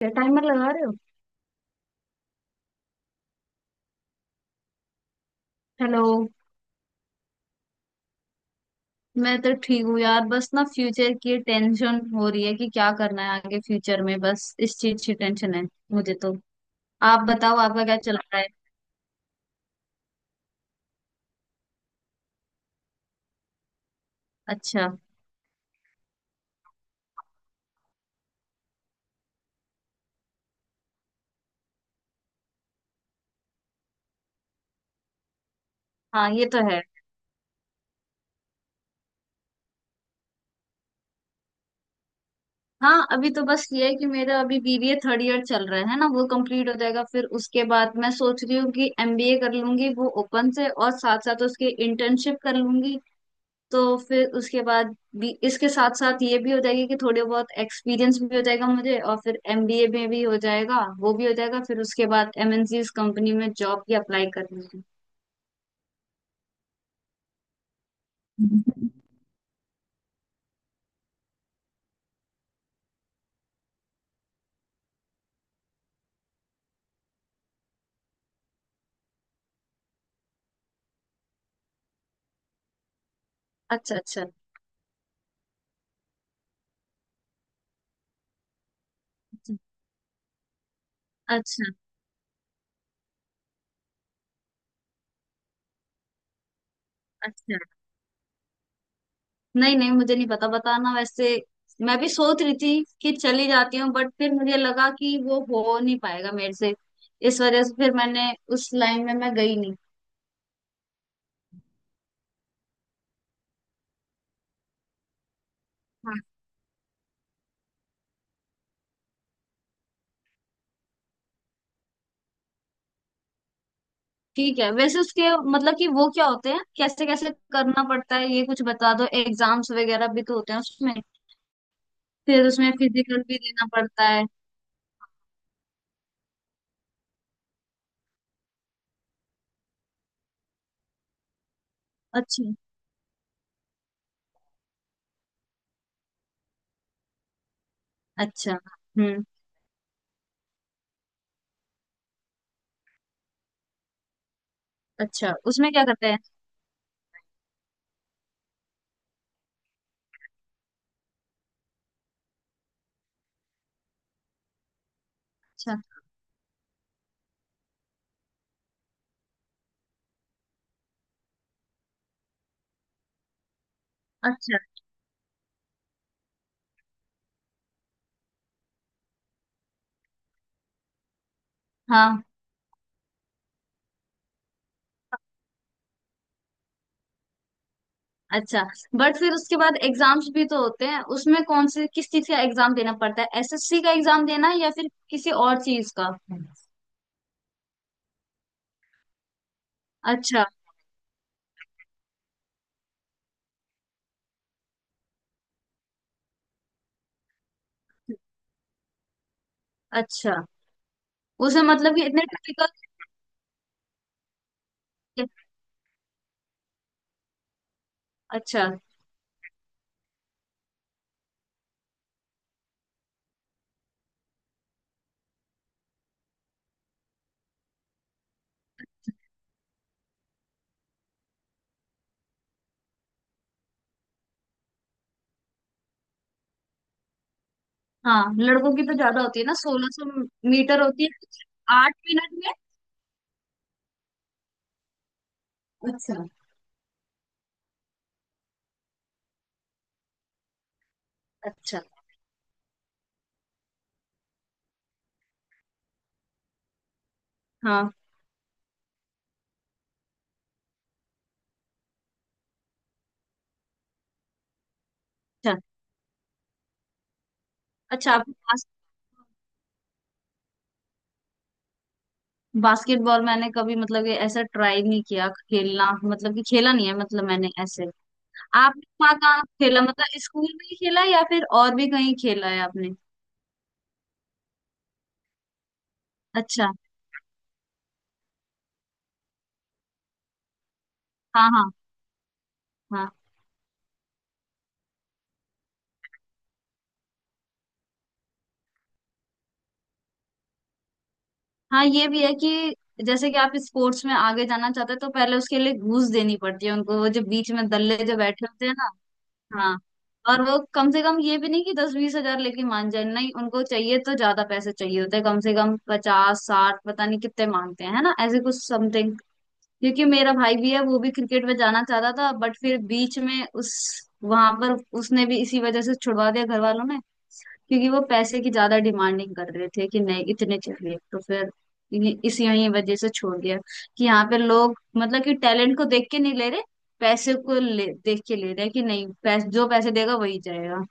क्या टाइमर लगा रहे हो? हेलो। मैं तो ठीक हूँ यार, बस ना फ्यूचर की टेंशन हो रही है कि क्या करना है आगे फ्यूचर में, बस इस चीज की टेंशन है मुझे तो। आप बताओ, आपका क्या चल रहा है? अच्छा। हाँ, ये तो है। हाँ अभी तो बस ये है कि मेरा अभी बीबीए थर्ड ईयर चल रहा है ना, वो कंप्लीट हो जाएगा, फिर उसके बाद मैं सोच रही हूँ कि एमबीए कर लूंगी वो ओपन से और साथ साथ उसकी इंटर्नशिप कर लूंगी, तो फिर उसके बाद भी इसके साथ साथ ये भी हो जाएगी कि थोड़े बहुत एक्सपीरियंस भी हो जाएगा मुझे, और फिर एमबीए में भी हो जाएगा, वो भी हो जाएगा, फिर उसके बाद एमएनसीज कंपनी में जॉब भी अप्लाई करनी है। अच्छा। अच्छा। अच्छा। अच्छा। अच्छा। नहीं नहीं, मुझे नहीं पता, बताना वैसे। मैं भी सोच रही थी कि चली जाती हूँ, बट फिर मुझे लगा कि वो हो नहीं पाएगा मेरे से, इस वजह से फिर मैंने उस लाइन में मैं गई नहीं। ठीक है, वैसे उसके मतलब कि वो क्या होते हैं, कैसे कैसे करना पड़ता है, ये कुछ बता दो। एग्जाम्स वगैरह भी तो होते हैं उसमें, फिर उसमें फिजिकल भी देना पड़ता है। अच्छा। अच्छा। हम्म। अच्छा, उसमें क्या करते हैं? अच्छा। अच्छा। हाँ। अच्छा, बट फिर उसके बाद एग्जाम्स भी तो होते हैं उसमें, कौन से किस चीज का एग्जाम देना पड़ता है? एसएससी का एग्जाम देना है या फिर किसी और चीज का? अच्छा। अच्छा, उसे मतलब कि इतने टिपिकल? अच्छा। हाँ, लड़कों की तो ज्यादा होती है ना, 1600 मीटर होती है, 8 मिनट में। अच्छा। अच्छा। हाँ। अच्छा। अच्छा, आप बास, बास्केटबॉल मैंने कभी मतलब ये ऐसा ट्राई नहीं किया खेलना, मतलब कि खेला नहीं है, मतलब मैंने ऐसे। आपने कहाँ कहाँ खेला, मतलब स्कूल में ही खेला या फिर और भी कहीं खेला है आपने? अच्छा। हाँ हाँ। हाँ, हाँ ये भी है कि जैसे कि आप स्पोर्ट्स में आगे जाना चाहते हैं तो पहले उसके लिए घूस देनी पड़ती है उनको, वो जो बीच में दल्ले जो बैठे होते हैं ना। हाँ, और वो कम से कम ये भी नहीं कि दस बीस हजार लेके मान जाए, नहीं उनको चाहिए तो ज्यादा पैसे चाहिए होते हैं, कम से कम पचास साठ, पता नहीं कितने मांगते हैं, है ना, ऐसे कुछ समथिंग। क्योंकि मेरा भाई भी है, वो भी क्रिकेट में जाना चाहता था, बट फिर बीच में उस वहां पर उसने भी इसी वजह से छुड़वा दिया घर वालों ने, क्योंकि वो पैसे की ज्यादा डिमांडिंग कर रहे थे कि नहीं इतने चाहिए, तो फिर इस यही वजह से छोड़ दिया कि यहाँ पे लोग मतलब कि टैलेंट को देख के नहीं ले रहे, पैसे को ले देख के ले रहे हैं, कि नहीं पैसे, जो पैसे देगा वही जाएगा।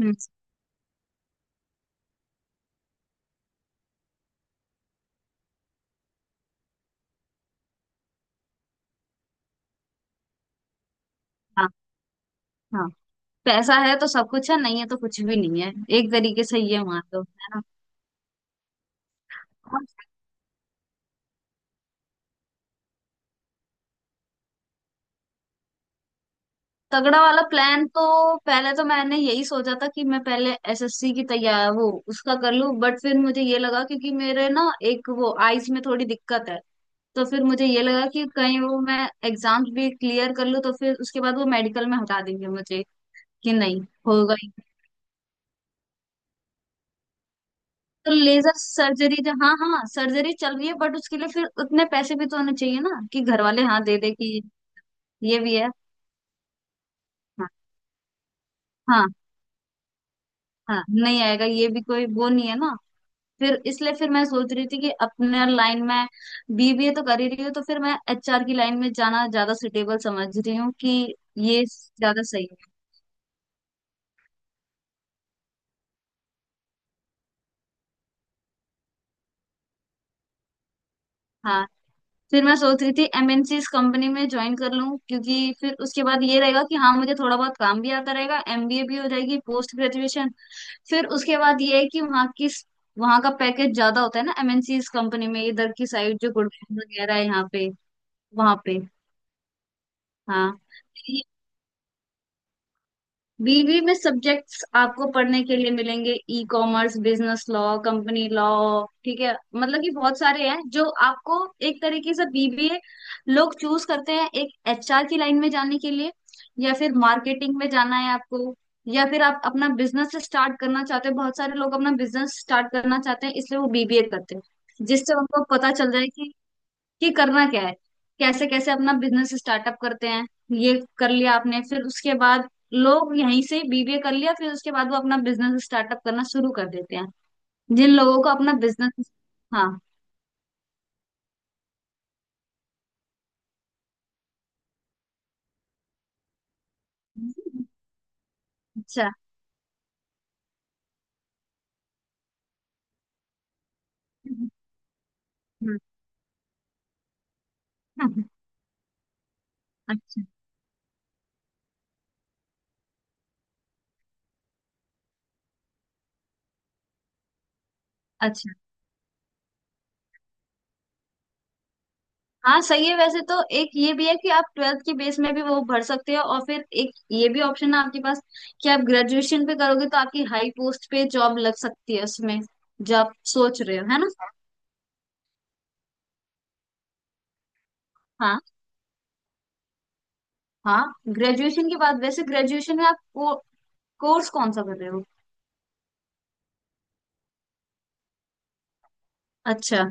हम्म। हाँ। हाँ, पैसा है तो सब कुछ है, नहीं है तो कुछ भी नहीं है, एक तरीके से ये मान लो, है ना। और तगड़ा वाला प्लान तो पहले तो मैंने यही सोचा था कि मैं पहले एसएससी की तैयार वो उसका कर लूं, बट फिर मुझे ये लगा क्योंकि मेरे ना एक वो आईज में थोड़ी दिक्कत है, तो फिर मुझे ये लगा कि कहीं वो मैं एग्जाम्स भी क्लियर कर लूँ तो फिर उसके बाद वो मेडिकल में हटा देंगे मुझे कि नहीं, होगा ही। तो लेजर सर्जरी जो, हाँ हाँ सर्जरी चल रही है बट उसके लिए फिर उतने पैसे भी तो होने चाहिए ना कि घर वाले हाँ दे दे कि, ये भी है। हाँ। हाँ हाँ, नहीं आएगा, ये भी कोई वो नहीं है ना। फिर इसलिए फिर मैं सोच रही थी कि अपने लाइन में बीबीए तो कर ही रही हूँ, तो फिर मैं एचआर की लाइन में जाना ज्यादा सुटेबल समझ रही हूँ कि ये ज्यादा सही है। हाँ, फिर मैं सोच रही थी एमएनसी कंपनी में ज्वाइन कर लूँ क्योंकि फिर उसके बाद ये रहेगा कि हाँ मुझे थोड़ा बहुत काम भी आता रहेगा, एमबीए भी हो जाएगी, पोस्ट ग्रेजुएशन, फिर उसके बाद ये है कि वहाँ का पैकेज ज्यादा होता है ना एमएनसी कंपनी में, इधर की साइड जो गुड़गांव वगैरह है यहाँ पे, वहाँ पे। हाँ, बीवी में सब्जेक्ट्स आपको पढ़ने के लिए मिलेंगे, e commerce, business law, company law, ठीक है, मतलब कि बहुत सारे हैं जो आपको। एक तरीके से बीबीए लोग चूज करते हैं एक एचआर की लाइन में जाने के लिए, या फिर मार्केटिंग में जाना है आपको, या फिर आप अपना बिजनेस स्टार्ट करना चाहते हैं, बहुत सारे लोग अपना बिजनेस स्टार्ट करना चाहते हैं, इसलिए वो बीबीए करते हैं, जिससे उनको पता चल जाए कि करना क्या है, कैसे कैसे अपना बिजनेस स्टार्टअप करते हैं, ये कर लिया आपने, फिर उसके बाद लोग यहीं से बीबीए कर लिया, फिर उसके बाद वो अपना बिजनेस स्टार्टअप करना शुरू कर देते हैं, जिन लोगों को अपना बिजनेस। हाँ। अच्छा। हम्म। अच्छा। अच्छा। हाँ सही है, वैसे तो एक ये भी है कि आप ट्वेल्थ की बेस में भी वो भर सकते हो, और फिर एक ये भी ऑप्शन है आपके पास कि आप ग्रेजुएशन पे करोगे तो आपकी हाई पोस्ट पे जॉब लग सकती है उसमें, जो आप सोच रहे हो, है ना। हाँ। हाँ, ग्रेजुएशन के बाद, वैसे ग्रेजुएशन में आप को, कोर्स कौन सा कर रहे हो? अच्छा।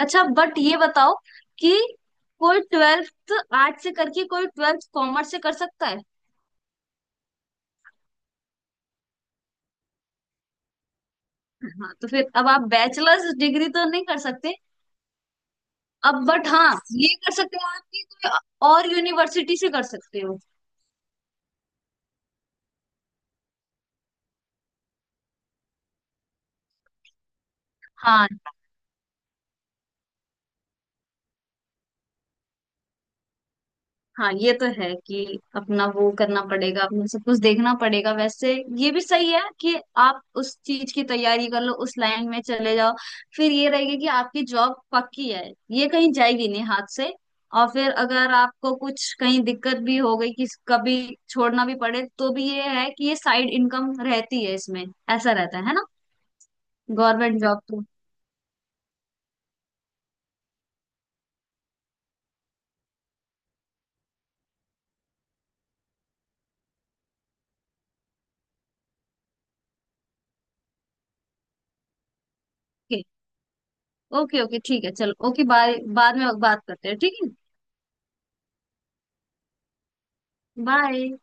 अच्छा, बट ये बताओ कि कोई ट्वेल्थ आर्ट से करके कोई ट्वेल्थ कॉमर्स से कर सकता है? हाँ, तो फिर अब आप बैचलर्स डिग्री तो नहीं कर सकते, अब बट हाँ ये कर सकते हो आप कि कोई और यूनिवर्सिटी से कर सकते हो। हाँ। हाँ, ये तो है कि अपना वो करना पड़ेगा, अपना सब कुछ देखना पड़ेगा वैसे। ये भी सही है कि आप उस चीज की तैयारी कर लो, उस लाइन में चले जाओ, फिर ये रहेगा कि आपकी जॉब पक्की है, ये कहीं जाएगी नहीं हाथ से, और फिर अगर आपको कुछ कहीं दिक्कत भी हो गई कि कभी छोड़ना भी पड़े, तो भी ये है कि ये साइड इनकम रहती है इसमें, ऐसा रहता है ना, गवर्नमेंट जॉब तो। ओके। ओके ओके, ठीक है, चलो, ओके बाय, बाद में बात करते हैं, ठीक है। बाय।